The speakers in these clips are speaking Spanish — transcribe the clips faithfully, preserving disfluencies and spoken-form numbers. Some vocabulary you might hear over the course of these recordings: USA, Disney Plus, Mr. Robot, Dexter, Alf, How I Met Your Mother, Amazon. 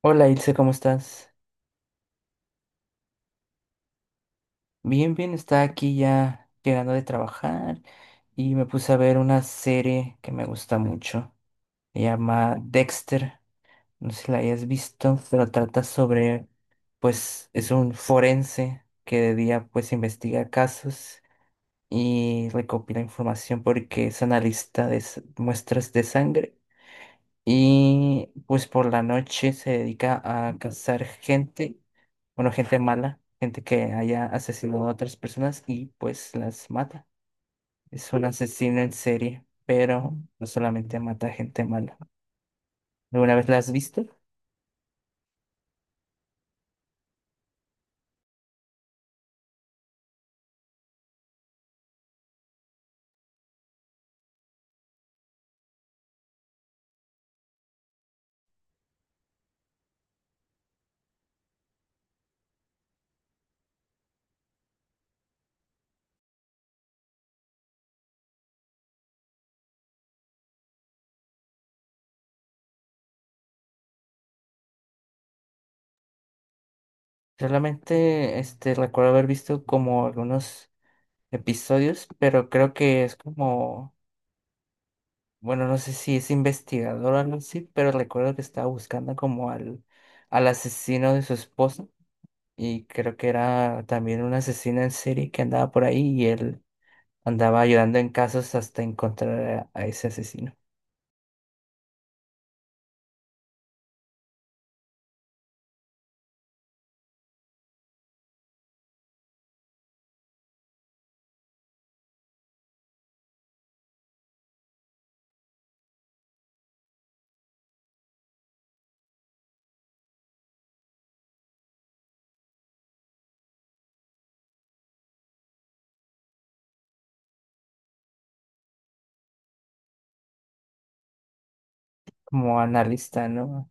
Hola Ilse, ¿cómo estás? Bien, bien, está aquí ya llegando de trabajar y me puse a ver una serie que me gusta mucho. Se llama Dexter, no sé si la hayas visto, pero trata sobre, pues es un forense que de día pues investiga casos y recopila información porque es analista de s- muestras de sangre. Y pues por la noche se dedica a cazar gente, bueno, gente mala, gente que haya asesinado a otras personas y pues las mata. Es un asesino en serie, pero no solamente mata gente mala. ¿Alguna vez la has visto? Solamente este, recuerdo haber visto como algunos episodios, pero creo que es como, bueno, no sé si es investigador o algo así, pero recuerdo que estaba buscando como al, al asesino de su esposa, y creo que era también una asesina en serie que andaba por ahí y él andaba ayudando en casos hasta encontrar a, a ese asesino, como analista, ¿no?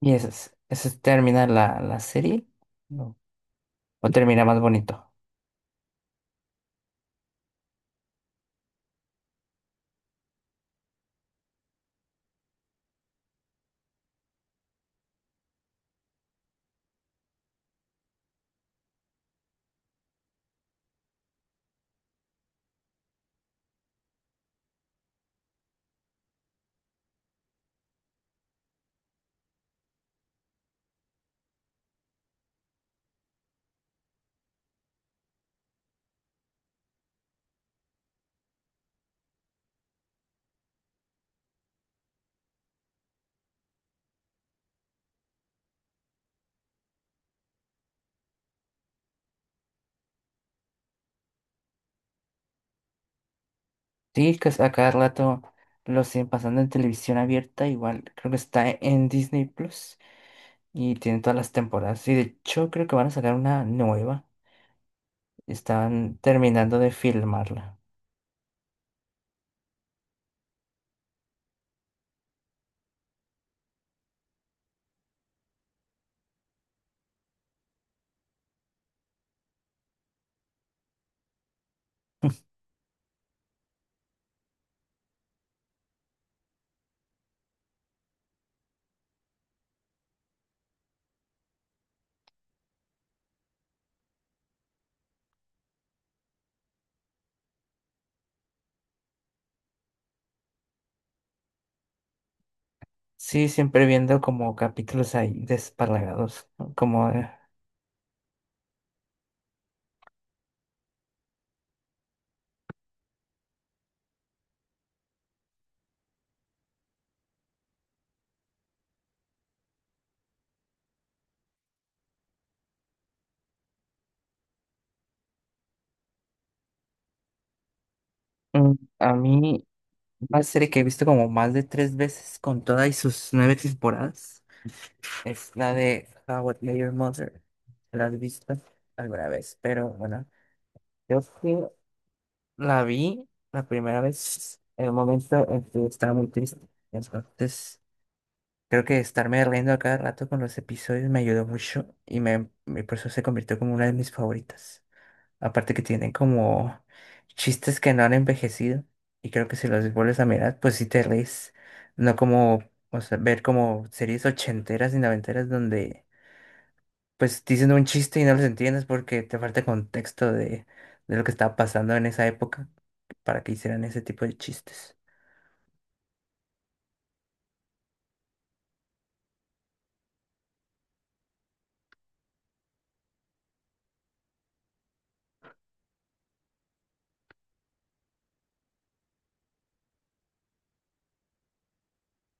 Y eso es, eso es- termina la, la serie, ¿no? O termina más bonito. Sí, que a cada rato lo siguen pasando en televisión abierta, igual creo que está en Disney Plus y tiene todas las temporadas. Y de hecho creo que van a sacar una nueva. Están terminando de filmarla. Sí, siempre viendo como capítulos ahí desparlagados, ¿no? como eh, mm, a mí una serie que he visto como más de tres veces con todas y sus nueve temporadas es la de How I Met Your Mother. ¿La has visto alguna vez? Pero bueno, yo sí la vi la primera vez en un momento en que estaba muy triste. Entonces, creo que estarme riendo a cada rato con los episodios me ayudó mucho y me, me- por eso se convirtió como una de mis favoritas. Aparte que tienen como chistes que no han envejecido. Y creo que si los vuelves a mirar, pues sí te reís. No como, o sea, ver como series ochenteras y noventeras donde pues dicen un chiste y no los entiendes porque te falta contexto de, de lo que estaba pasando en esa época para que hicieran ese tipo de chistes.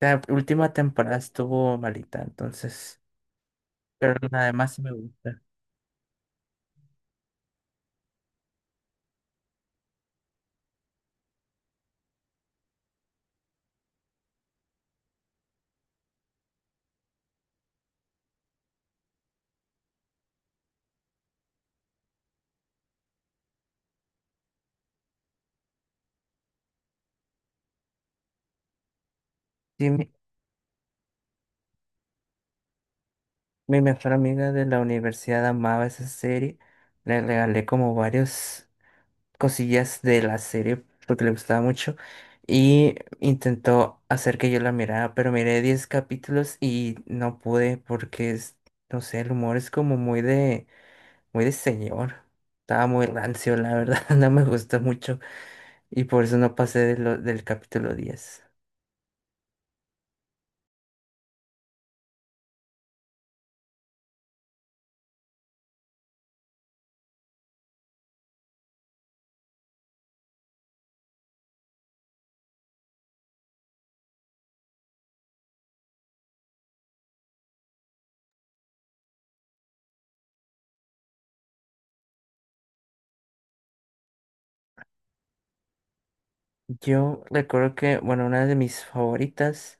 La última temporada estuvo malita, entonces, pero además sí me gusta. Sí, mi, mi mejor amiga de la universidad amaba esa serie. Le regalé como varios cosillas de la serie porque le gustaba mucho y intentó hacer que yo la mirara, pero miré diez capítulos y no pude porque es, no sé, el humor es como muy de, muy de señor. Estaba muy rancio, la verdad, no me gustó mucho y por eso no pasé de lo- del capítulo diez. Yo recuerdo que, bueno, una de mis favoritas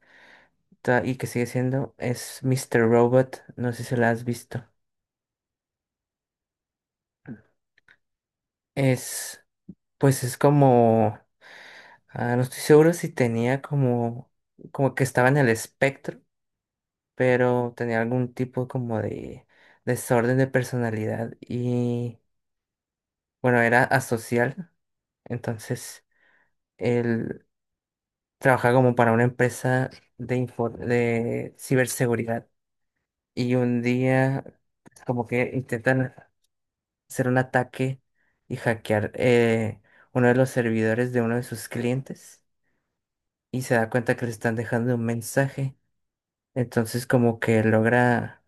ta- y que sigue siendo es mister Robot, no sé si la has visto. Es, pues es como. Ah, no estoy seguro si tenía como, como que estaba en el espectro, pero tenía algún tipo como de desorden de personalidad y bueno, era asocial. Entonces, él trabajaba como para una empresa de, info- de ciberseguridad y un día pues, como que intentan hacer un ataque y hackear eh, uno de los servidores de uno de sus clientes y se da cuenta que le están dejando un mensaje. Entonces como que logra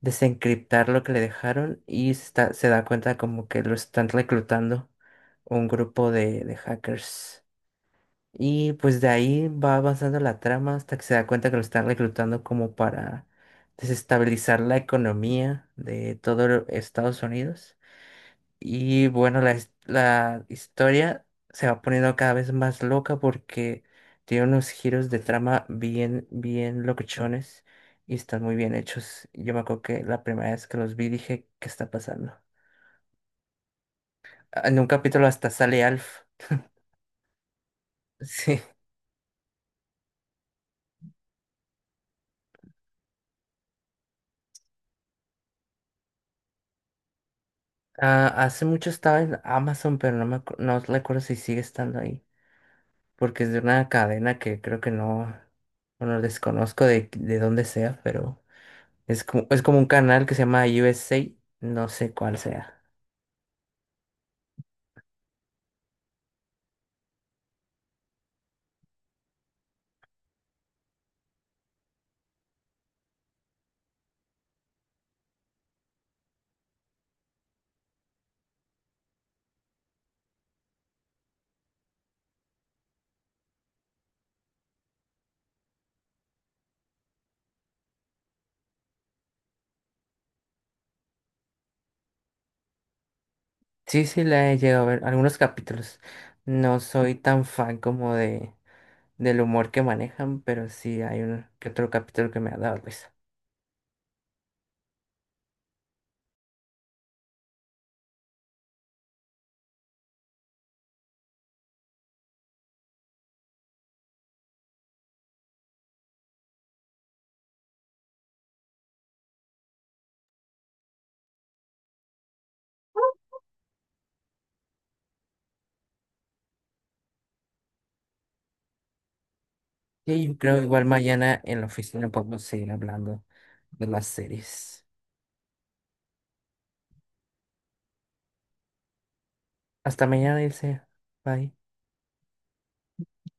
desencriptar lo que le dejaron y se está- se da cuenta como que lo están reclutando un grupo de, de hackers. Y pues de ahí va avanzando la trama hasta que se da cuenta que lo están reclutando como para desestabilizar la economía de todo Estados Unidos. Y bueno, la, his- la historia se va poniendo cada vez más loca porque tiene unos giros de trama bien, bien locochones y están muy bien hechos. Yo me acuerdo que la primera vez que los vi dije, ¿qué está pasando? Ah, en un capítulo hasta sale Alf. Sí. Ah, hace mucho estaba en Amazon, pero no me acu- no recuerdo si sigue estando ahí. Porque es de una cadena que creo que no, bueno, desconozco de, de dónde sea, pero... Es como, es como un canal que se llama U S A, no sé cuál sea. Sí, sí, la he llegado a ver algunos capítulos. No soy tan fan como de del humor que manejan, pero sí hay un que otro capítulo que me ha dado risa. Y yo creo igual mañana en la oficina podemos seguir hablando de las series. Hasta mañana, Ilse. Bye.